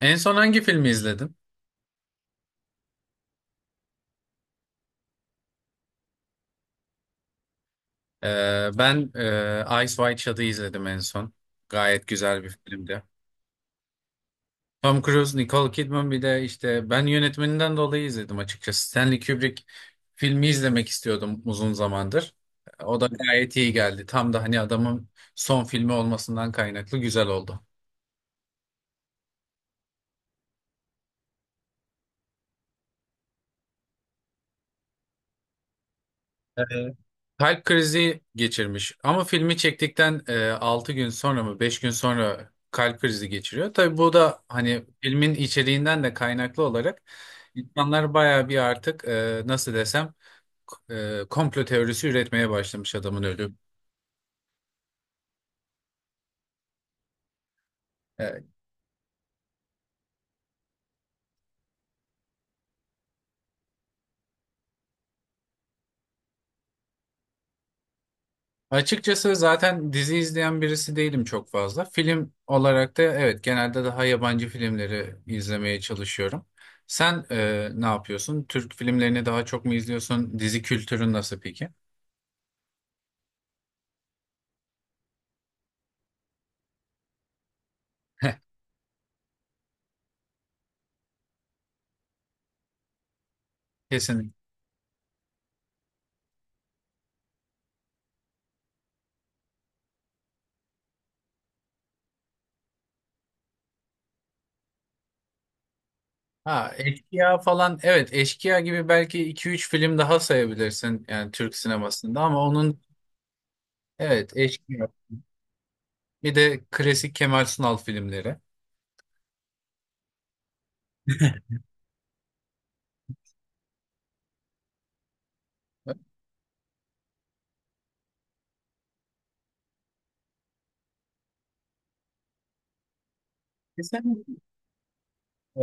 En son hangi filmi izledim? Ben Ice White Shot'ı izledim en son. Gayet güzel bir filmdi. Tom Cruise, Nicole Kidman, bir de işte ben yönetmeninden dolayı izledim açıkçası. Stanley Kubrick filmi izlemek istiyordum uzun zamandır. O da gayet iyi geldi. Tam da hani adamın son filmi olmasından kaynaklı güzel oldu. Kalp krizi geçirmiş ama filmi çektikten 6 gün sonra mı 5 gün sonra kalp krizi geçiriyor. Tabii bu da hani filmin içeriğinden de kaynaklı olarak insanlar bayağı bir artık, nasıl desem, komplo teorisi üretmeye başlamış adamın ölümü. E, Açıkçası zaten dizi izleyen birisi değilim çok fazla. Film olarak da evet, genelde daha yabancı filmleri izlemeye çalışıyorum. Sen ne yapıyorsun? Türk filmlerini daha çok mu izliyorsun? Dizi kültürün nasıl peki? Heh, kesinlikle. Ha, Eşkıya falan, evet, Eşkıya gibi belki iki üç film daha sayabilirsin yani Türk sinemasında, ama onun evet Eşkıya bir de klasik Kemal Sunal filmleri.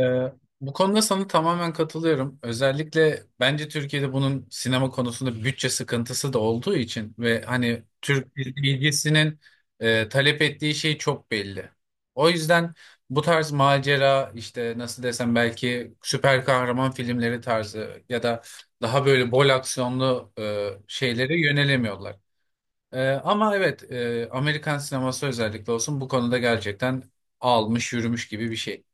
Ee, Bu konuda sana tamamen katılıyorum. Özellikle bence Türkiye'de bunun sinema konusunda bütçe sıkıntısı da olduğu için ve hani Türk bilgisinin talep ettiği şey çok belli. O yüzden bu tarz macera işte, nasıl desem, belki süper kahraman filmleri tarzı ya da daha böyle bol aksiyonlu şeylere yönelemiyorlar. Ama evet, Amerikan sineması özellikle olsun bu konuda gerçekten almış yürümüş gibi bir şey.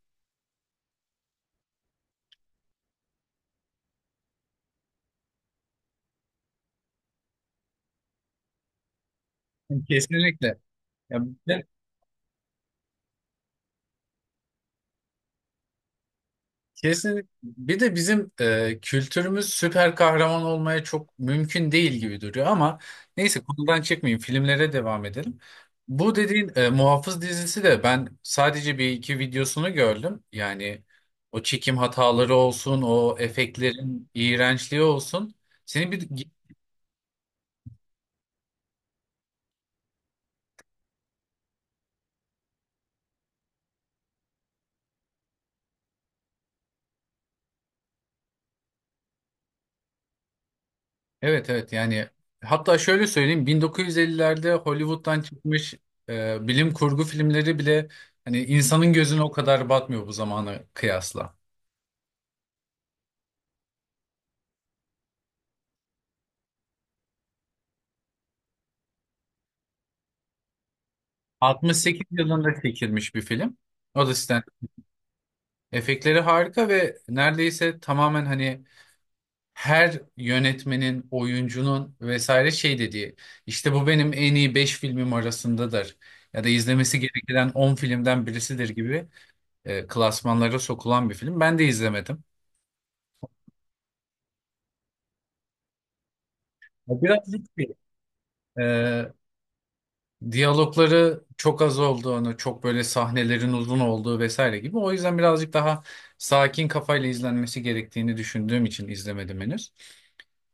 Kesinlikle. Ya ben- kesin, bir de bizim kültürümüz süper kahraman olmaya çok mümkün değil gibi duruyor ama neyse, konudan çıkmayayım, filmlere devam edelim. Bu dediğin Muhafız dizisi de, ben sadece bir iki videosunu gördüm. Yani o çekim hataları olsun, o efektlerin iğrençliği olsun. Seni bir evet evet yani, hatta şöyle söyleyeyim, 1950'lerde Hollywood'dan çıkmış bilim kurgu filmleri bile hani insanın gözüne o kadar batmıyor bu zamana kıyasla. 68 yılında çekilmiş bir film. O da stand. Efektleri harika ve neredeyse tamamen hani her yönetmenin, oyuncunun vesaire şey dediği, işte bu benim en iyi 5 filmim arasındadır ya da izlemesi gereken 10 filmden birisidir gibi klasmanlara sokulan bir film. Ben de izlemedim. Ya, biraz riskli. Ee, Diyalogları çok az olduğunu, çok böyle sahnelerin uzun olduğu vesaire gibi. O yüzden birazcık daha sakin kafayla izlenmesi gerektiğini düşündüğüm için izlemedim henüz.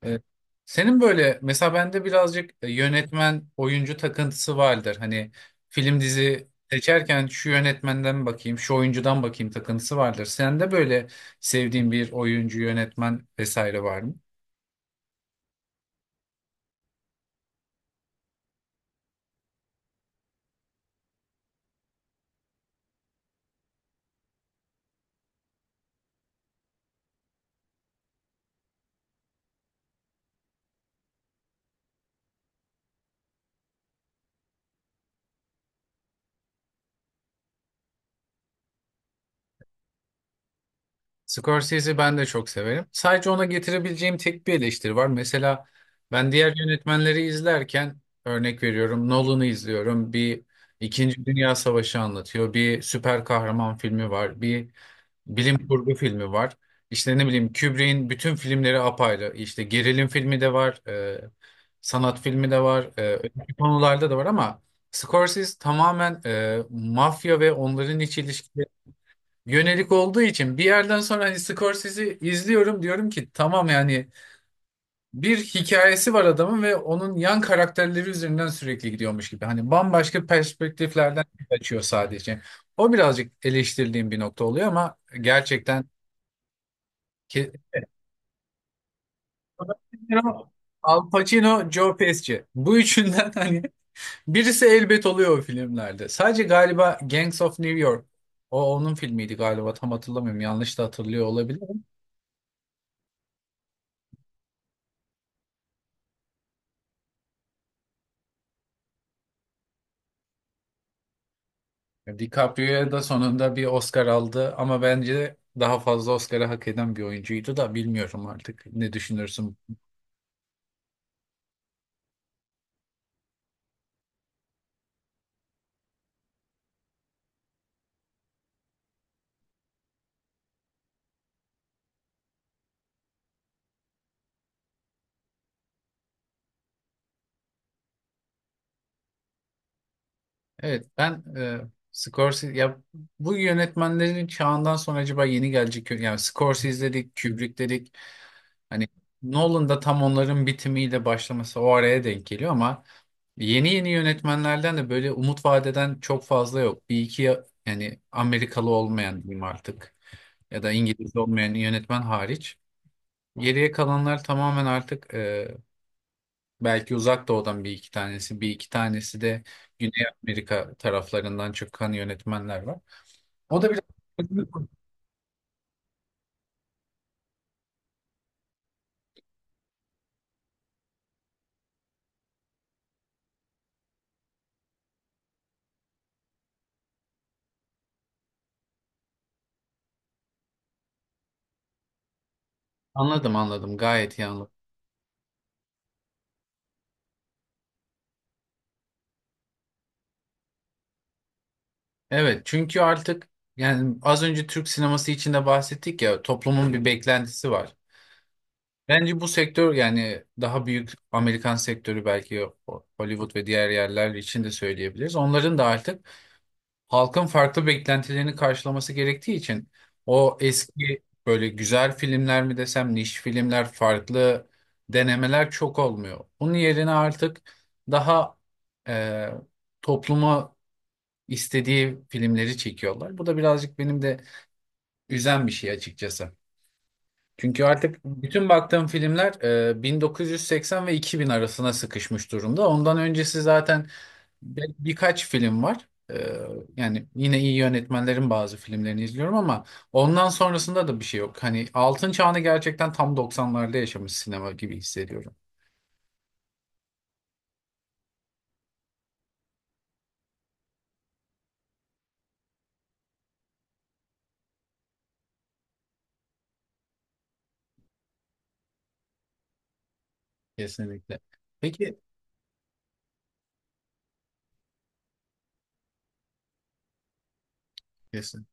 Ee, Senin böyle mesela, bende birazcık yönetmen oyuncu takıntısı vardır. Hani film dizi seçerken şu yönetmenden bakayım, şu oyuncudan bakayım takıntısı vardır. Sende böyle sevdiğin bir oyuncu, yönetmen vesaire var mı? Scorsese'yi ben de çok severim. Sadece ona getirebileceğim tek bir eleştiri var. Mesela ben diğer yönetmenleri izlerken, örnek veriyorum, Nolan'ı izliyorum. Bir İkinci Dünya Savaşı anlatıyor. Bir süper kahraman filmi var. Bir bilim kurgu filmi var. İşte ne bileyim, Kubrick'in bütün filmleri apayrı. İşte gerilim filmi de var, sanat filmi de var. E, öteki konularda da var ama Scorsese tamamen mafya ve onların iç ilişkileri yönelik olduğu için bir yerden sonra hani Scorsese'yi izliyorum diyorum ki tamam yani, bir hikayesi var adamın ve onun yan karakterleri üzerinden sürekli gidiyormuş gibi. Hani bambaşka perspektiflerden açıyor sadece. O birazcık eleştirdiğim bir nokta oluyor ama gerçekten ki Al Pacino, Joe Pesci. Bu üçünden hani birisi elbet oluyor o filmlerde. Sadece galiba Gangs of New York. O onun filmiydi galiba, tam hatırlamıyorum. Yanlış da hatırlıyor olabilir. DiCaprio da sonunda bir Oscar aldı ama bence daha fazla Oscar'ı hak eden bir oyuncuydu da, bilmiyorum artık ne düşünürsün. Evet, ben Scorsese ya bu yönetmenlerin çağından sonra acaba yeni gelecek, yani Scorsese dedik, Kubrick dedik. Hani Nolan da tam onların bitimiyle başlaması o araya denk geliyor ama yeni yeni yönetmenlerden de böyle umut vadeden çok fazla yok. Bir iki, ya yani Amerikalı olmayan diyeyim artık, ya da İngiliz olmayan yönetmen hariç. Geriye kalanlar tamamen artık belki uzak doğudan bir iki tanesi, bir iki tanesi de Güney Amerika taraflarından çıkan yönetmenler var. O da biraz anladım, anladım, gayet iyi anladım. Evet, çünkü artık yani az önce Türk sineması içinde bahsettik ya, toplumun bir beklentisi var. Bence bu sektör, yani daha büyük Amerikan sektörü, belki Hollywood ve diğer yerler için de söyleyebiliriz. Onların da artık halkın farklı beklentilerini karşılaması gerektiği için o eski böyle güzel filmler mi desem, niş filmler, farklı denemeler çok olmuyor. Onun yerine artık daha e, topluma istediği filmleri çekiyorlar. Bu da birazcık benim de üzen bir şey açıkçası. Çünkü artık bütün baktığım filmler 1980 ve 2000 arasına sıkışmış durumda. Ondan öncesi zaten birkaç film var. Yani yine iyi yönetmenlerin bazı filmlerini izliyorum ama ondan sonrasında da bir şey yok. Hani altın çağını gerçekten tam 90'larda yaşamış sinema gibi hissediyorum. Kesinlikle. Peki, kesin.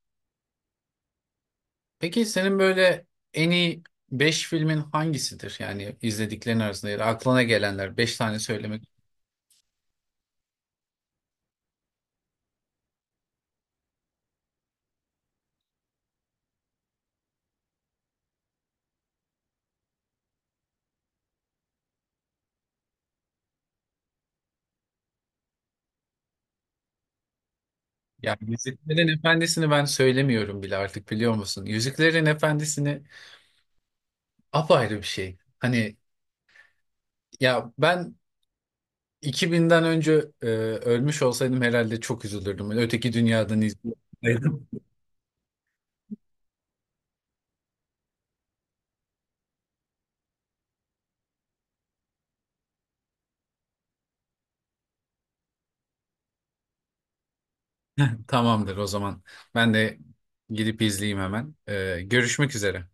Peki, senin böyle en iyi 5 filmin hangisidir? Yani izlediklerin arasında, ya da aklına gelenler, 5 tane söylemek yani Yüzüklerin Efendisi'ni ben söylemiyorum bile artık, biliyor musun? Yüzüklerin Efendisi'ni apayrı bir şey. Hani ya ben 2000'den önce ölmüş olsaydım herhalde çok üzülürdüm. Öteki dünyadan izliyordum. Tamamdır o zaman. Ben de gidip izleyeyim hemen. E, görüşmek üzere.